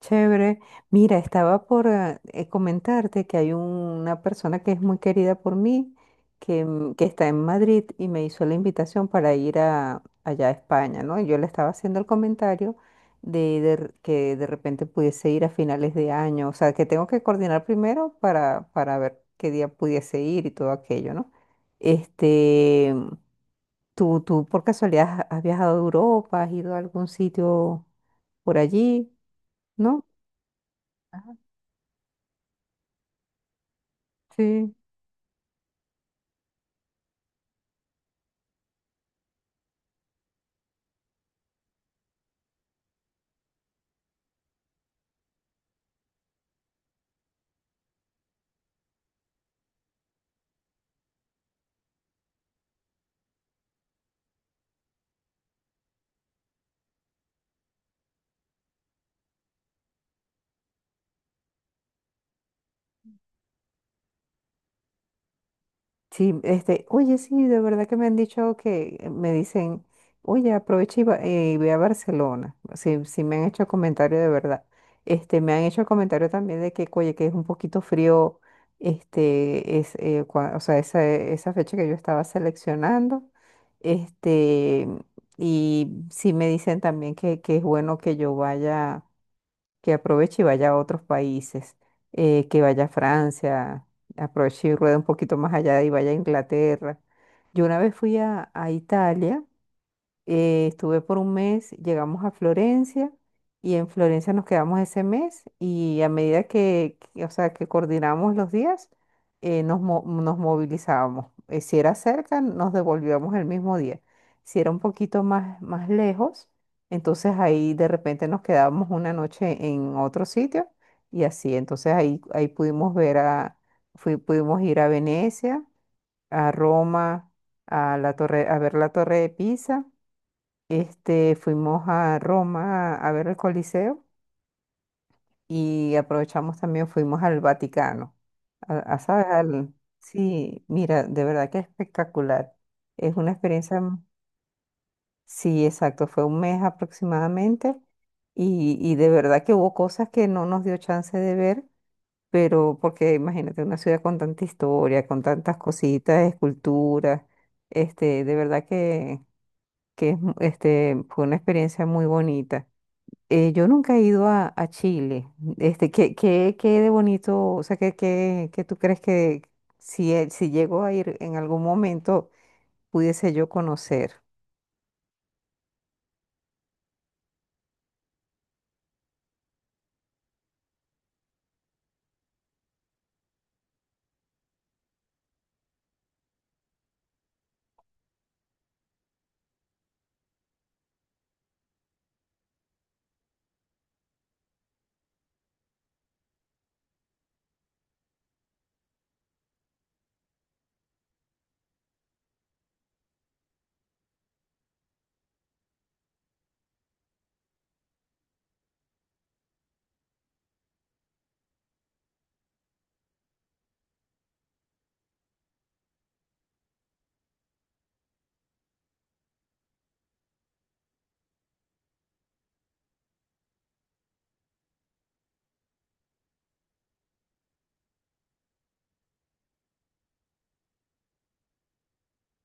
Chévere. Mira, estaba comentarte que hay una persona que es muy querida por mí, que está en Madrid y me hizo la invitación para allá a España, ¿no? Y yo le estaba haciendo el comentario que de repente pudiese ir a finales de año, o sea, que tengo que coordinar primero para ver qué día pudiese ir y todo aquello, ¿no? Este, ¿Tú por casualidad has viajado a Europa? ¿Has ido a algún sitio por allí? ¿No? Sí. Sí, este, oye, sí, de verdad que me han dicho que me dicen, oye, aprovecha y ve a Barcelona. Sí, sí me han hecho comentario de verdad. Este, me han hecho comentario también de que, oye, que es un poquito frío, o sea, esa fecha que yo estaba seleccionando. Este, y sí me dicen también que es bueno que yo vaya, que aproveche y vaya a otros países, que vaya a Francia, aproveche y rueda un poquito más allá y vaya a Inglaterra. Yo una vez a Italia, estuve por un mes, llegamos a Florencia y en Florencia nos quedamos ese mes y a medida o sea, que coordinamos los días, nos movilizábamos. Si era cerca, nos devolvíamos el mismo día. Si era un poquito más, más lejos, entonces ahí de repente nos quedábamos una noche en otro sitio y así. Entonces ahí pudimos pudimos ir a Venecia, a Roma, a ver la Torre de Pisa. Este, fuimos a Roma a ver el Coliseo y aprovechamos también, fuimos al Vaticano. ¿Sabes? Al- sí, mira, de verdad que es espectacular. Es una experiencia, m- sí, exacto, fue un mes aproximadamente y de verdad que hubo cosas que no nos dio chance de ver, pero porque imagínate una ciudad con tanta historia, con tantas cositas, esculturas, de verdad que fue una experiencia muy bonita. Yo nunca he a Chile. Este, ¿qué, qué, qué de bonito? O sea, ¿qué, qué, qué tú crees que si, si llego a ir en algún momento pudiese yo conocer?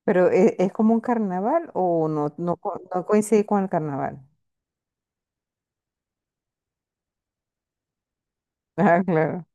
Pero ¿e- es como un carnaval o no, no, co- no coincide con el carnaval? Ah, claro.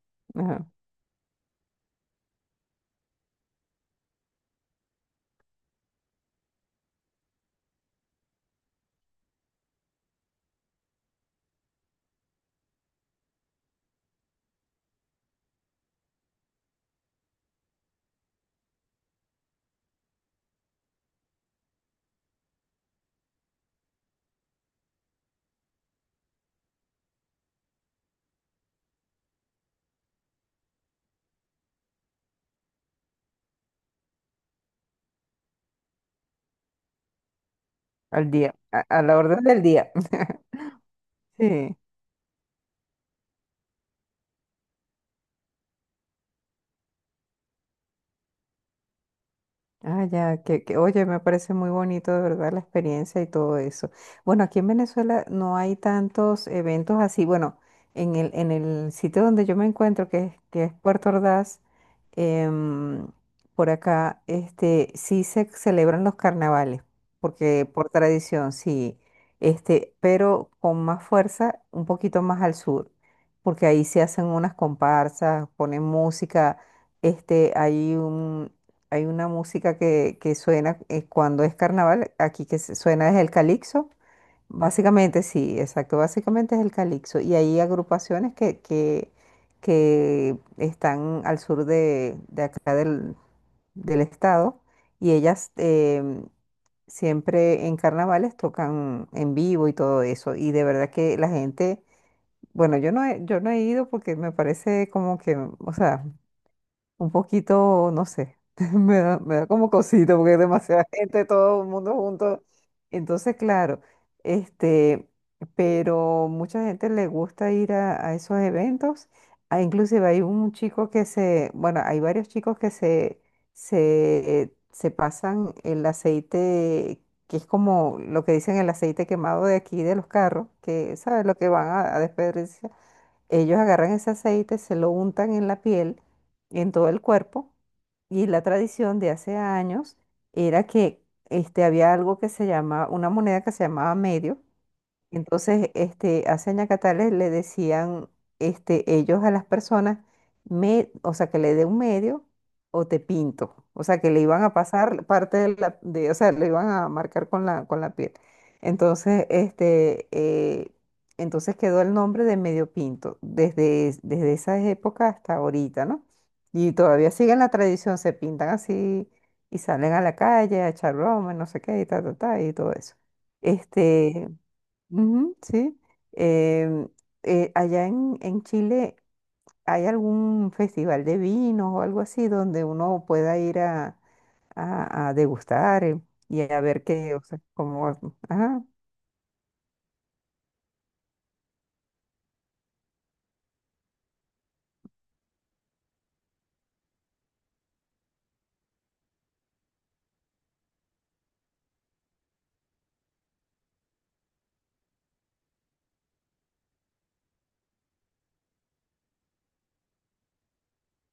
Al día, a la orden del día. Sí. Ah, ya, que, oye, me parece muy bonito de verdad la experiencia y todo eso. Bueno, aquí en Venezuela no hay tantos eventos así. Bueno, en en el sitio donde yo me encuentro, que es Puerto Ordaz, em, por acá, este, sí se celebran los carnavales, porque por tradición, sí, este, pero con más fuerza, un poquito más al sur, porque ahí se hacen unas comparsas, ponen música, este, hay una música que suena, cuando es carnaval aquí, que se- suena es el calipso. Básicamente, sí, exacto, básicamente es el calipso. Y hay agrupaciones que están al sur de acá del, del estado y ellas, em, siempre en carnavales tocan en vivo y todo eso. Y de verdad que la gente, bueno, yo no he ido porque me parece como que, o sea un poquito, no sé, me da como cosito porque es demasiada gente, todo el mundo junto. Entonces, claro, este, pero mucha gente le gusta ir a esos eventos. Ah, inclusive hay un chico que se, bueno, hay varios chicos que se pasan el aceite, que es como lo que dicen el aceite quemado de aquí de los carros, que, ¿sabes? Lo que van a desperdiciar. Ellos agarran ese aceite, se lo untan en la piel, en todo el cuerpo, y la tradición de hace años era que este, había algo que se llama, una moneda que se llamaba medio, entonces, hace ñacatales le decían, este, ellos a las personas, me, o sea, que le dé un medio o te pinto. O sea, que le iban a pasar parte o sea, le iban a marcar con la piel. Entonces, entonces quedó el nombre de medio pinto desde esa época hasta ahorita, ¿no? Y todavía siguen la tradición, se pintan así y salen a la calle a echar broma, no sé qué, y ta, ta, ta, y todo eso. Este, ujú, sí. Em, Allá en Chile, ¿hay algún festival de vinos o algo así donde uno pueda ir a degustar, y a ver qué, o sea, cómo... Ajá,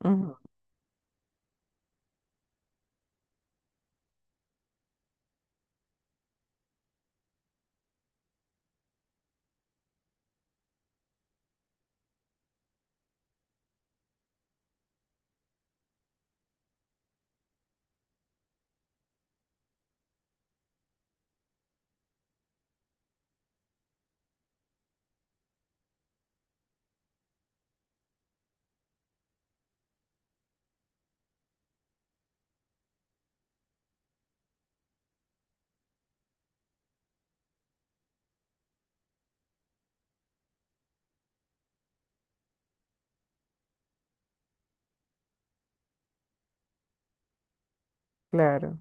ujú, claro.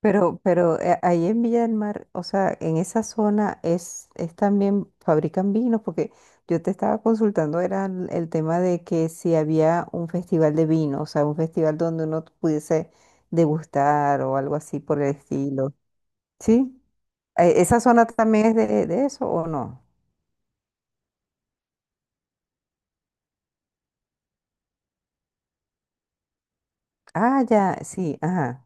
Pero, pero ahí en Villa del Mar, o sea, en esa zona es también fabrican vinos, porque yo te estaba consultando, era el tema de que si había un festival de vino, o sea, un festival donde uno pudiese degustar o algo así por el estilo. ¿Sí? ¿Esa zona también es de eso o no? Ah, ya, sí, ajá.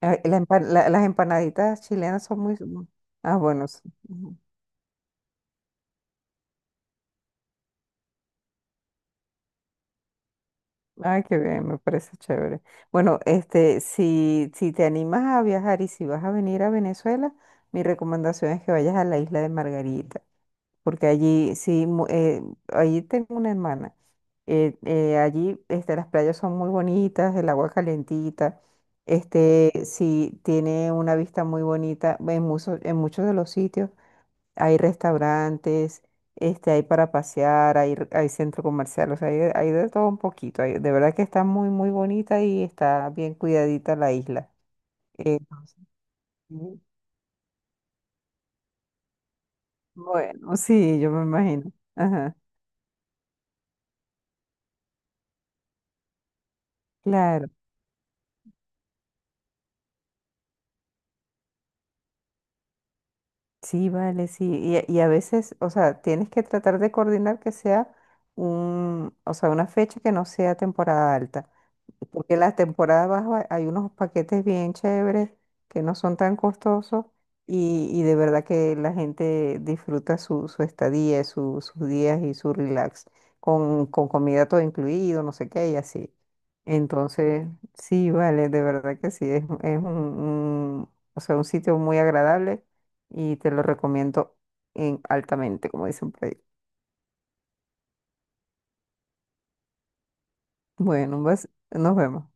Ah, las empanaditas chilenas son muy... Ah, bueno, sí. Ay, qué bien, me parece chévere. Bueno, este, si, si te animas a viajar y si vas a venir a Venezuela, mi recomendación es que vayas a la isla de Margarita, porque allí sí, allí tengo una hermana. Allí, este, las playas son muy bonitas, el agua calentita, este, sí tiene una vista muy bonita en muchos de los sitios hay restaurantes, este, hay para pasear, hay centro comercial, o sea, hay de todo un poquito. Hay- de verdad que está muy, muy bonita y está bien cuidadita la isla. Entonces, sí, bueno, sí, yo me imagino. Ajá, claro. Sí, vale, sí. Y a veces, o sea, tienes que tratar de coordinar que sea un, o sea, una fecha que no sea temporada alta porque las temporadas bajas hay unos paquetes bien chéveres que no son tan costosos y de verdad que la gente disfruta su, su estadía, sus días y su relax con comida todo incluido, no sé qué y así. Entonces, sí, vale, de verdad que sí, es un, o sea, un sitio muy agradable y te lo recomiendo en, altamente, como dicen por ahí. Bueno, vas, nos vemos.